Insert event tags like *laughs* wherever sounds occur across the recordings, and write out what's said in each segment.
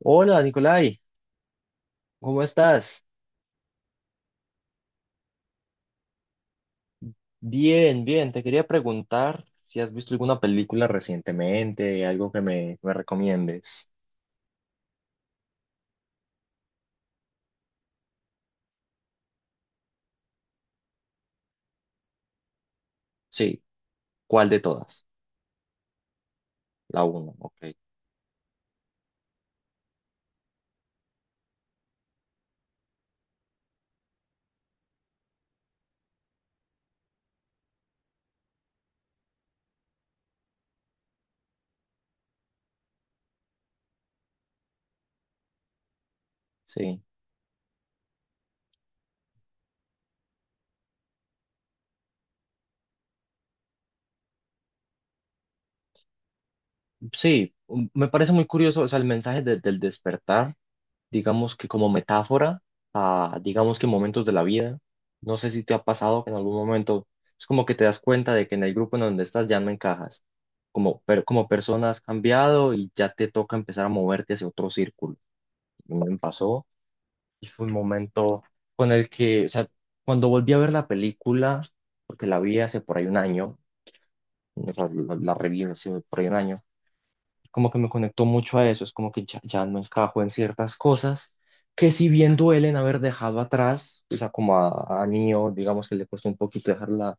Hola, Nicolai, ¿cómo estás? Bien, bien, te quería preguntar si has visto alguna película recientemente, algo que me recomiendes. Sí, ¿cuál de todas? La uno, ok. Sí, sí, me parece muy curioso, o sea, el mensaje del despertar, digamos que como metáfora a, digamos que momentos de la vida. No sé si te ha pasado que en algún momento es como que te das cuenta de que en el grupo en donde estás ya no encajas, como, pero como persona has cambiado y ya te toca empezar a moverte hacia otro círculo. Y me pasó y fue un momento con el que, o sea, cuando volví a ver la película, porque la vi hace por ahí un año, la reví hace por ahí un año, como que me conectó mucho a eso, es como que ya, ya no encajo en ciertas cosas que si bien duelen haber dejado atrás, o sea, como a Neo, digamos que le costó un poquito dejar la,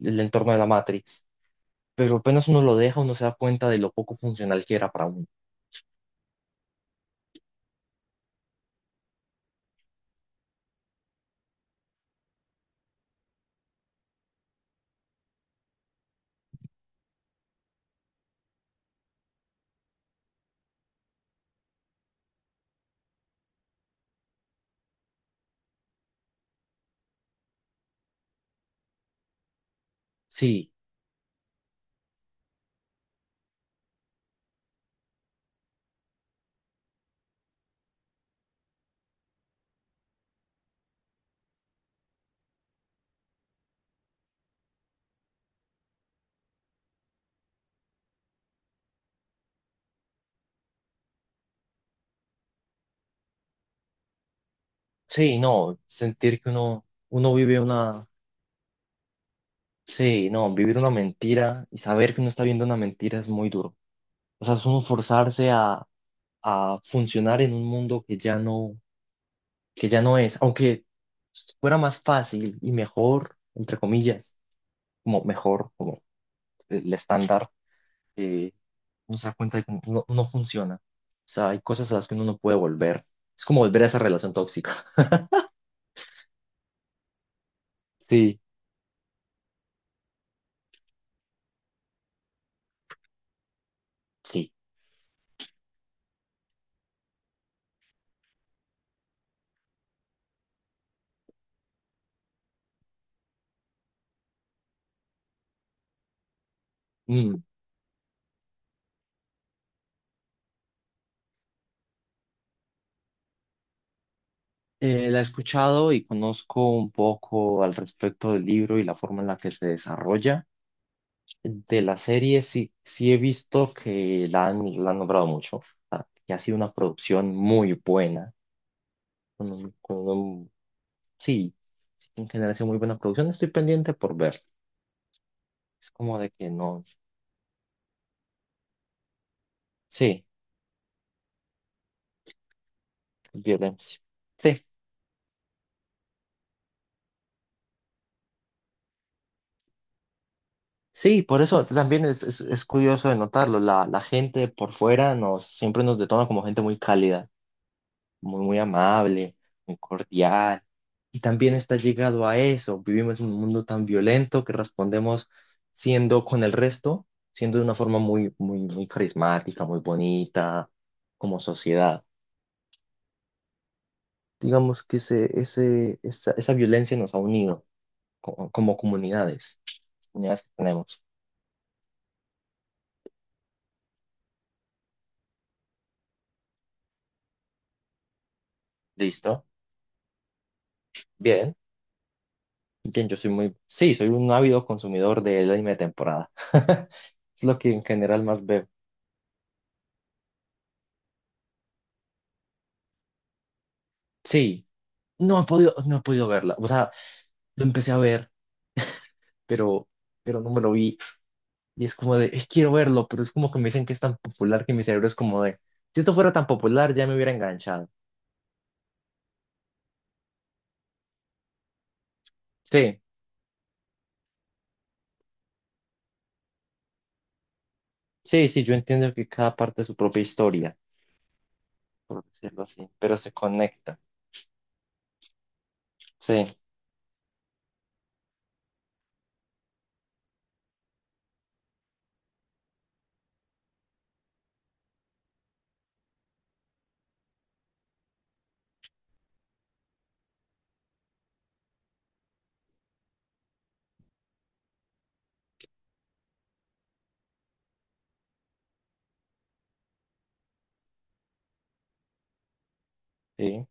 el entorno de la Matrix, pero apenas uno lo deja, uno se da cuenta de lo poco funcional que era para uno. Sí, sí, no, sentir que uno vive una, sí, no, vivir una mentira y saber que uno está viendo una mentira es muy duro. O sea, es uno forzarse a funcionar en un mundo que ya no, que ya no es, aunque fuera más fácil y mejor, entre comillas, como mejor, como el estándar, eh, uno se da cuenta de que no, no funciona. O sea, hay cosas a las que uno no puede volver. Es como volver a esa relación tóxica. *laughs* Sí, sí. Mm. La he escuchado y conozco un poco al respecto del libro y la forma en la que se desarrolla. De la serie sí, sí he visto que la han nombrado mucho, ah, que ha sido una producción muy buena, con, con un... Sí, sí, en general hace muy buena producción. Estoy pendiente por ver. Es como de que no. Sí, violencia. Sí, sí, por eso también es curioso de notarlo. La gente por fuera nos, siempre nos detona como gente muy cálida, muy amable, muy cordial. Y también está llegado a eso. Vivimos en un mundo tan violento que respondemos siendo con el resto, siendo de una forma muy carismática, muy bonita, como sociedad. Digamos que esa violencia nos ha unido como, comunidades, comunidades que tenemos. ¿Listo? Bien. Bien, yo soy muy, sí, soy un ávido consumidor del anime de temporada. *laughs* Es lo que en general más veo. Sí, no he podido, no he podido verla. O sea, lo empecé a ver, pero, pero no me lo vi. Y es como de, quiero verlo", pero es como que me dicen que es tan popular que mi cerebro es como de, si esto fuera tan popular ya me hubiera enganchado. Sí, sí, sí, yo entiendo que cada parte es su propia historia, por decirlo así, pero se conecta. Sí, sí.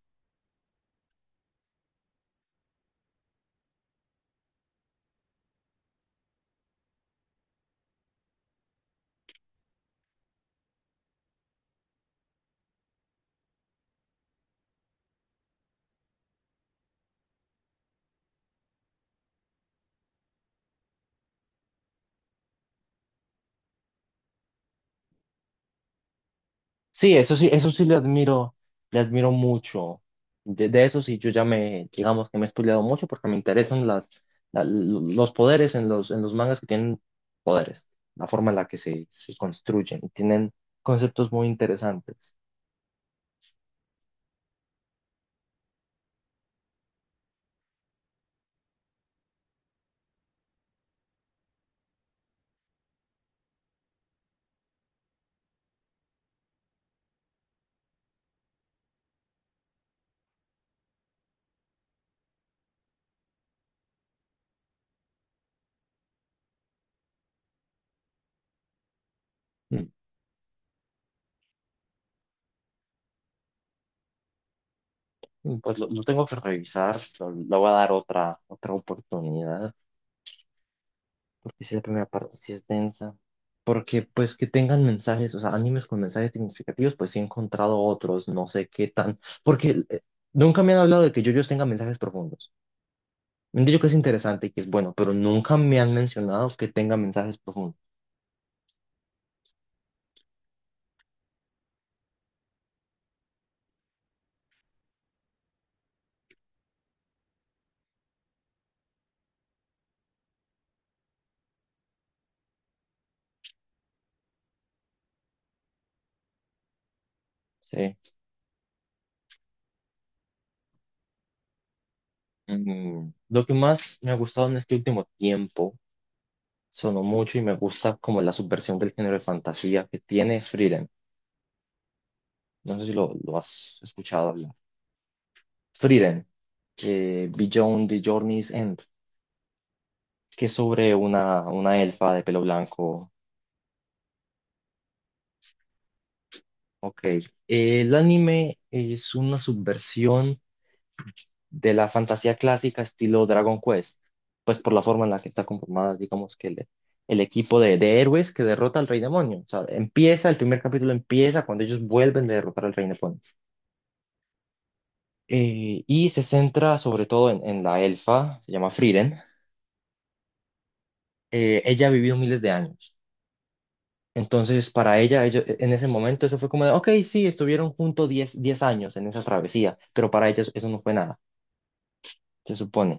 Sí, eso sí, eso sí le admiro mucho. De eso sí, yo ya me, digamos que me he estudiado mucho porque me interesan las, los poderes en en los mangas que tienen poderes, la forma en la que se construyen y tienen conceptos muy interesantes. Mm. Pues lo tengo que revisar, lo, le voy a dar otra oportunidad. Porque si la primera parte sí es densa. Porque pues que tengan mensajes, o sea, animes con mensajes significativos, pues sí he encontrado otros, no sé qué tan, porque nunca me han hablado de que yo tenga mensajes profundos. Me han dicho que es interesante y que es bueno, pero nunca me han mencionado que tenga mensajes profundos. Sí. Lo que más me ha gustado en este último tiempo, sonó mucho y me gusta como la subversión del género de fantasía que tiene Frieren. No sé si lo has escuchado hablar. Frieren, Beyond the Journey's End. Que es sobre una elfa de pelo blanco. Ok. El anime es una subversión de la fantasía clásica estilo Dragon Quest, pues por la forma en la que está conformada, digamos que el equipo de héroes que derrota al rey demonio. O sea, empieza, el primer capítulo empieza cuando ellos vuelven de derrotar al rey demonio. Y se centra sobre todo en la elfa, se llama Frieren. Ella ha vivido miles de años. Entonces, para ella, en ese momento, eso fue como de, ok, sí, estuvieron juntos diez años en esa travesía, pero para ella eso no fue nada, se supone.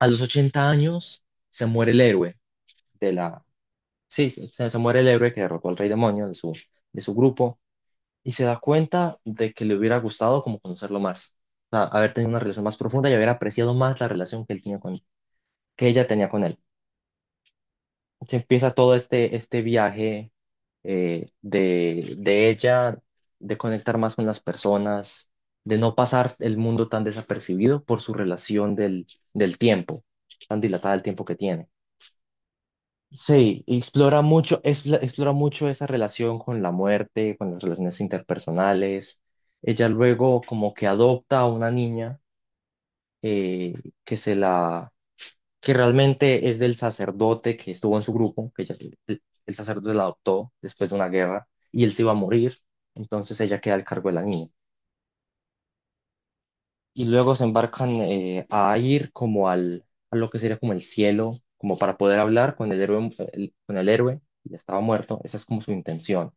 A los 80 años se muere el héroe de la... Sí, se muere el héroe que derrotó al rey demonio de su grupo, y se da cuenta de que le hubiera gustado como conocerlo más, o sea, haber tenido una relación más profunda y haber apreciado más la relación que él tenía con, que ella tenía con él. Se empieza todo este, este viaje de ella, de conectar más con las personas, de no pasar el mundo tan desapercibido por su relación del, del tiempo, tan dilatada el tiempo que tiene. Sí, y explora mucho, explora mucho esa relación con la muerte, con las relaciones interpersonales. Ella luego como que adopta a una niña eh, que se la, que realmente es del sacerdote que estuvo en su grupo, que el sacerdote la adoptó después de una guerra y él se iba a morir, entonces ella queda al cargo de la niña y luego se embarcan a ir como al, a lo que sería como el cielo, como para poder hablar con el héroe, con el héroe, y estaba muerto, esa es como su intención.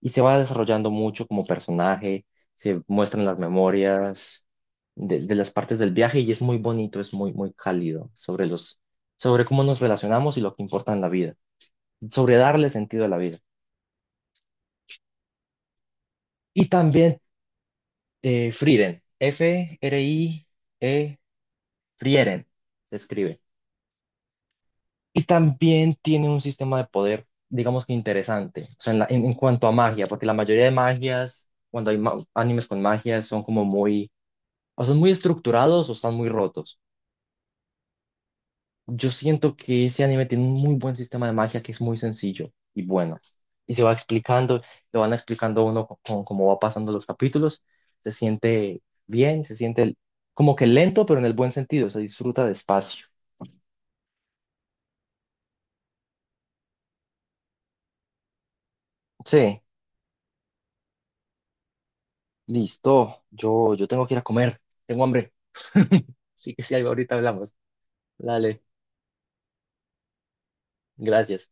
Y se va desarrollando mucho como personaje, se muestran las memorias de las partes del viaje y es muy bonito, es muy, muy cálido sobre los, sobre cómo nos relacionamos y lo que importa en la vida, sobre darle sentido a la vida. Y también Frieren, F-R-I-E, Frieren, se escribe. Y también tiene un sistema de poder, digamos que interesante, o sea, en, en cuanto a magia, porque la mayoría de magias, cuando hay animes con magias son como muy, o son muy estructurados o están muy rotos. Yo siento que ese anime tiene un muy buen sistema de magia que es muy sencillo y bueno. Y se va explicando, lo van explicando a uno cómo va pasando los capítulos. Se siente bien, se siente como que lento, pero en el buen sentido, se disfruta despacio. Sí. Listo, yo tengo que ir a comer, tengo hambre. *laughs* Sí que sí, ahorita hablamos. Dale, gracias.